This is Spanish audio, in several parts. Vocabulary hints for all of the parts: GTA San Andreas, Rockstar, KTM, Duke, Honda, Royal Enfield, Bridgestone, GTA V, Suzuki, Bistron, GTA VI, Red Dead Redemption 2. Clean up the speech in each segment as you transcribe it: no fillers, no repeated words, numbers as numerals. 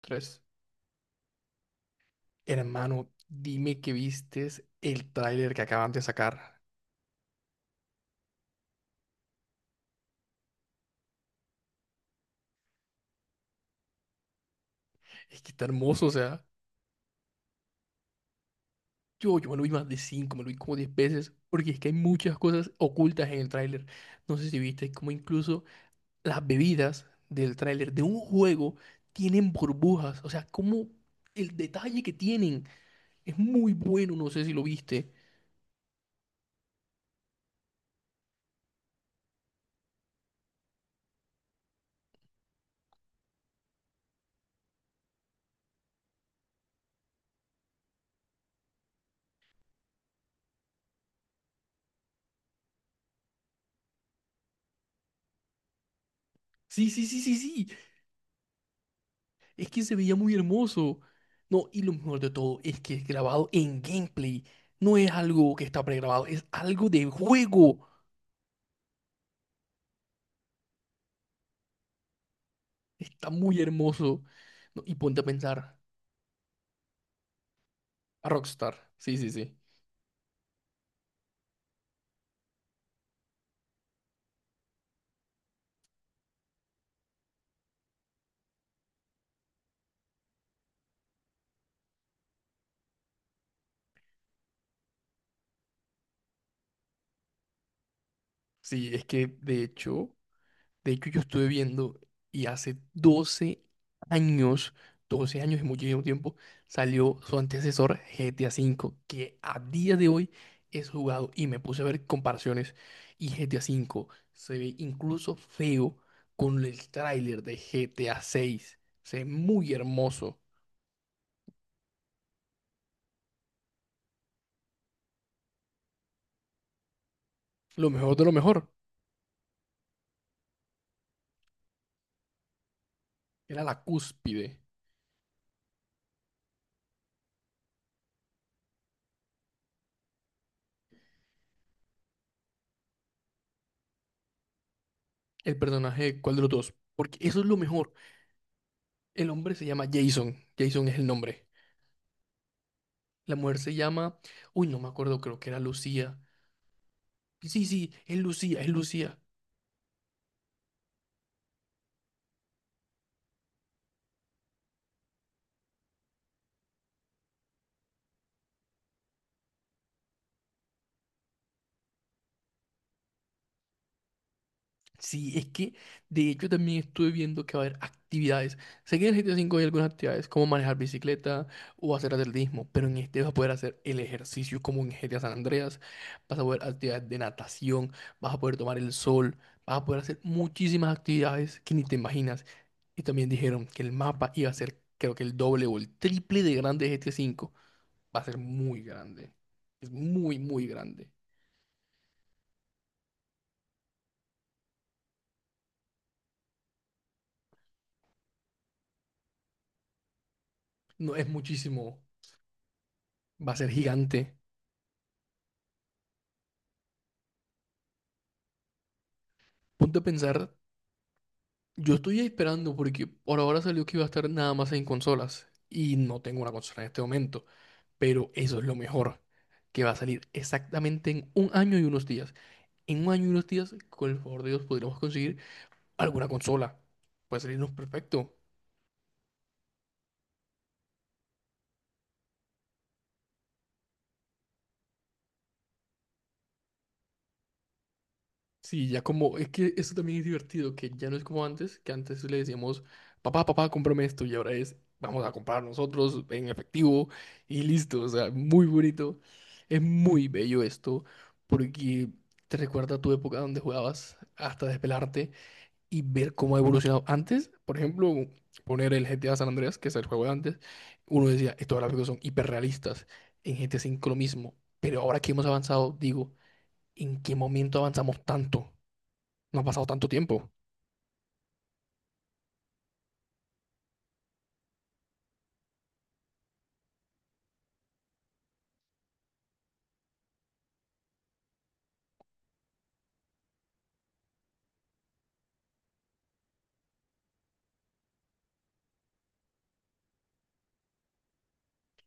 Tres. Hermano, dime que vistes el tráiler que acaban de sacar. Es que está hermoso, o sea. Yo me lo vi más de cinco, me lo vi como 10 veces, porque es que hay muchas cosas ocultas en el tráiler. No sé si viste como incluso las bebidas del tráiler de un juego tienen burbujas. O sea, como el detalle que tienen es muy bueno, no sé si lo viste. Sí, sí, sí, sí, sí. Es que se veía muy hermoso. No, y lo mejor de todo es que es grabado en gameplay. No es algo que está pregrabado, es algo de juego. Está muy hermoso. No, y ponte a pensar a Rockstar. Sí, sí, sí. Sí, es que de hecho. De hecho, yo estuve viendo y hace 12 años, 12 años y muchísimo tiempo, salió su antecesor GTA V, que a día de hoy es jugado y me puse a ver comparaciones y GTA V se ve incluso feo con el tráiler de GTA 6. Se ve muy hermoso. Lo mejor de lo mejor era la cúspide. El personaje, ¿cuál de los dos? Porque eso es lo mejor. El hombre se llama Jason. Jason es el nombre. La mujer se llama, uy, no me acuerdo, creo que era Lucía. Sí, sí, es Lucía, es Lucía. Sí, es que de hecho también estuve viendo que va a haber actividades. Sé que en el GTA V hay algunas actividades como manejar bicicleta o hacer atletismo, pero en este vas a poder hacer el ejercicio como en GTA San Andreas, vas a poder actividades de natación, vas a poder tomar el sol, vas a poder hacer muchísimas actividades que ni te imaginas. Y también dijeron que el mapa iba a ser creo que el doble o el triple de grande de GTA V. Va a ser muy grande. Es muy, muy grande. No, es muchísimo. Va a ser gigante. Punto a pensar, yo estoy esperando porque por ahora salió que iba a estar nada más en consolas. Y no tengo una consola en este momento. Pero eso es lo mejor. Que va a salir exactamente en un año y unos días. En un año y unos días, con el favor de Dios, podremos conseguir alguna consola. Puede salirnos perfecto. Sí, ya como, es que eso también es divertido, que ya no es como antes, que antes le decíamos, papá, papá, cómprame esto, y ahora es, vamos a comprar nosotros en efectivo y listo, o sea, muy bonito. Es muy bello esto, porque te recuerda a tu época donde jugabas hasta despelarte y ver cómo ha evolucionado. Antes, por ejemplo, poner el GTA San Andreas, que es el juego de antes, uno decía, estos gráficos son hiperrealistas, en GTA V lo mismo, pero ahora que hemos avanzado, digo, ¿en qué momento avanzamos tanto? No ha pasado tanto tiempo.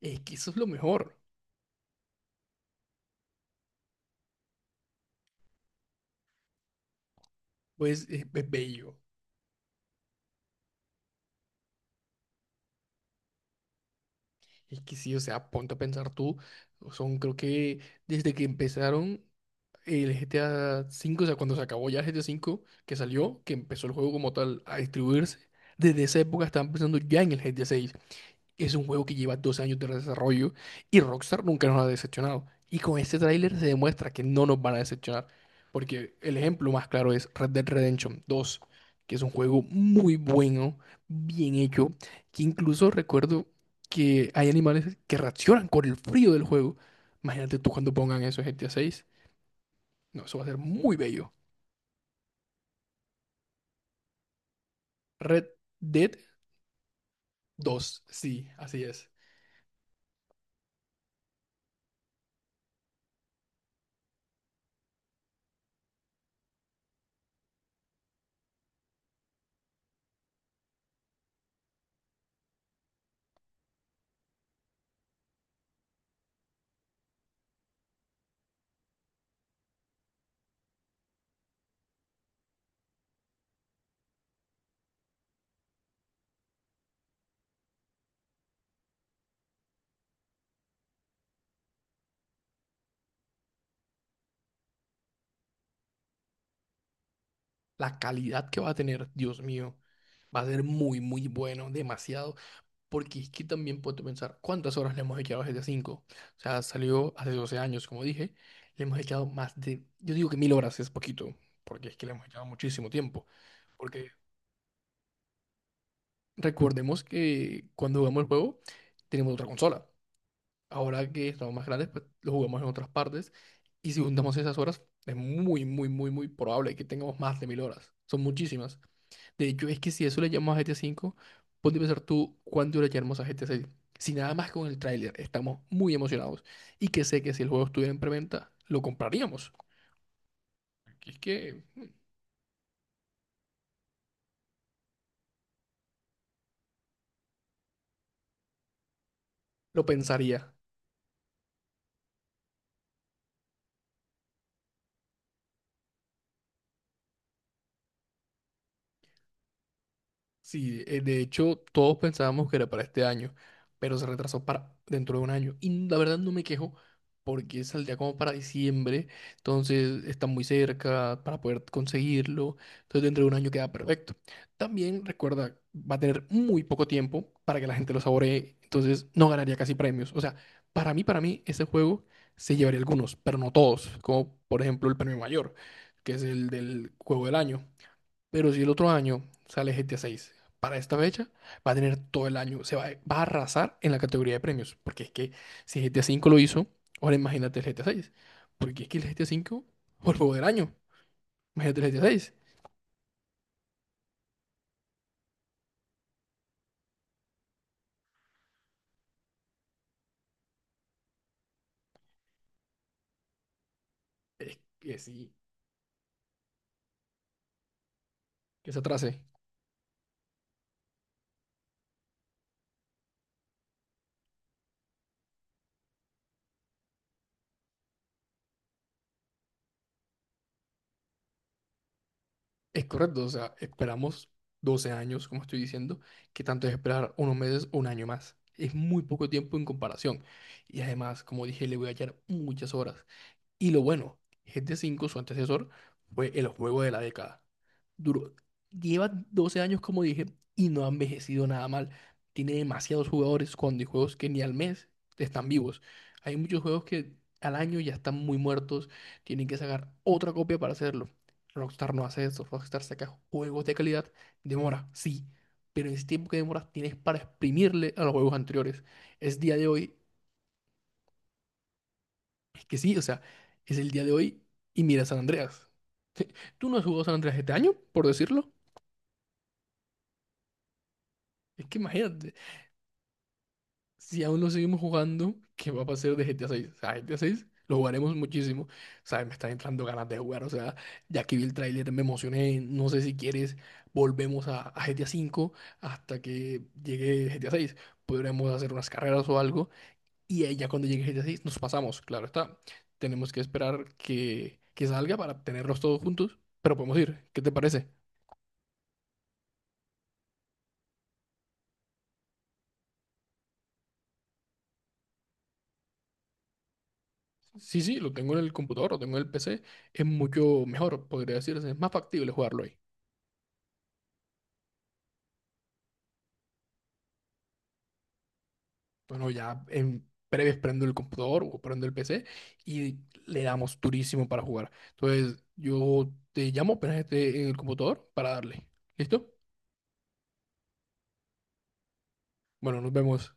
Es que eso es lo mejor. Pues es bello. Es que sí, o sea, ponte a pensar tú. Son, creo que desde que empezaron el GTA V, o sea, cuando se acabó ya el GTA V, que salió, que empezó el juego como tal a distribuirse, desde esa época estaban pensando ya en el GTA 6. Es un juego que lleva 2 años de desarrollo y Rockstar nunca nos ha decepcionado. Y con este tráiler se demuestra que no nos van a decepcionar. Porque el ejemplo más claro es Red Dead Redemption 2, que es un juego muy bueno, bien hecho, que incluso recuerdo que hay animales que reaccionan con el frío del juego. Imagínate tú cuando pongan eso en GTA 6. No, eso va a ser muy bello. Red Dead 2, sí, así es. La calidad que va a tener, Dios mío, va a ser muy, muy bueno, demasiado. Porque es que también puedo pensar, ¿cuántas horas le hemos echado a GTA V? O sea, salió hace 12 años, como dije, le hemos echado más de, yo digo que 1000 horas es poquito, porque es que le hemos echado muchísimo tiempo. Porque recordemos que cuando jugamos el juego, tenemos otra consola. Ahora que estamos más grandes, pues lo jugamos en otras partes. Y si juntamos esas horas, es muy, muy, muy, muy probable que tengamos más de 1000 horas. Son muchísimas. De hecho, es que si eso le llamamos a GT 5, ponte a pensar tú cuándo le llamamos a GT 6. Si nada más con el tráiler estamos muy emocionados y que sé que si el juego estuviera en preventa, lo compraríamos. Es que lo pensaría. Sí, de hecho, todos pensábamos que era para este año, pero se retrasó para dentro de un año. Y la verdad no me quejo porque saldría como para diciembre, entonces está muy cerca para poder conseguirlo. Entonces dentro de un año queda perfecto. También recuerda, va a tener muy poco tiempo para que la gente lo saboree, entonces no ganaría casi premios. O sea, para mí, ese juego se llevaría algunos, pero no todos, como por ejemplo el premio mayor, que es el del juego del año. Pero si el otro año sale GTA 6 para esta fecha, va a tener todo el año, se va, va a arrasar en la categoría de premios, porque es que si GTA 5 lo hizo, ahora imagínate el GTA 6, porque es que el GTA 5 fue el juego del año, imagínate el GTA 6, que sí, que se atrase, es correcto, o sea, esperamos 12 años, como estoy diciendo, que tanto es esperar unos meses o un año más, es muy poco tiempo en comparación, y además, como dije, le voy a echar muchas horas. Y lo bueno, GTA V, su antecesor, fue el juego de la década. Duro. Lleva 12 años, como dije, y no ha envejecido nada mal. Tiene demasiados jugadores cuando hay juegos que ni al mes están vivos. Hay muchos juegos que al año ya están muy muertos, tienen que sacar otra copia para hacerlo. Rockstar no hace eso, Rockstar saca juegos de calidad, demora, sí, pero en ese tiempo que demora tienes para exprimirle a los juegos anteriores. Es día de hoy, es que sí, o sea, es el día de hoy y mira San Andreas. ¿Tú no has jugado San Andreas este año, por decirlo? Es que imagínate, si aún lo seguimos jugando, ¿qué va a pasar de GTA 6? O sea, GTA 6 lo jugaremos muchísimo. Sabes, me están entrando ganas de jugar. O sea, ya que vi el tráiler me emocioné. No sé si quieres, volvemos a, GTA 5 hasta que llegue GTA 6. Podremos hacer unas carreras o algo. Y ahí ya cuando llegue GTA 6 nos pasamos, claro está. Tenemos que esperar que salga para tenerlos todos juntos, pero podemos ir. ¿Qué te parece? Sí, sí, lo tengo en el computador, lo tengo en el PC. Es mucho mejor, podría decirse. Es más factible jugarlo ahí. Bueno, ya en breves prendo el computador o prendo el PC y le damos durísimo para jugar. Entonces, yo te llamo apenas esté en el computador para darle. ¿Listo? Bueno, nos vemos.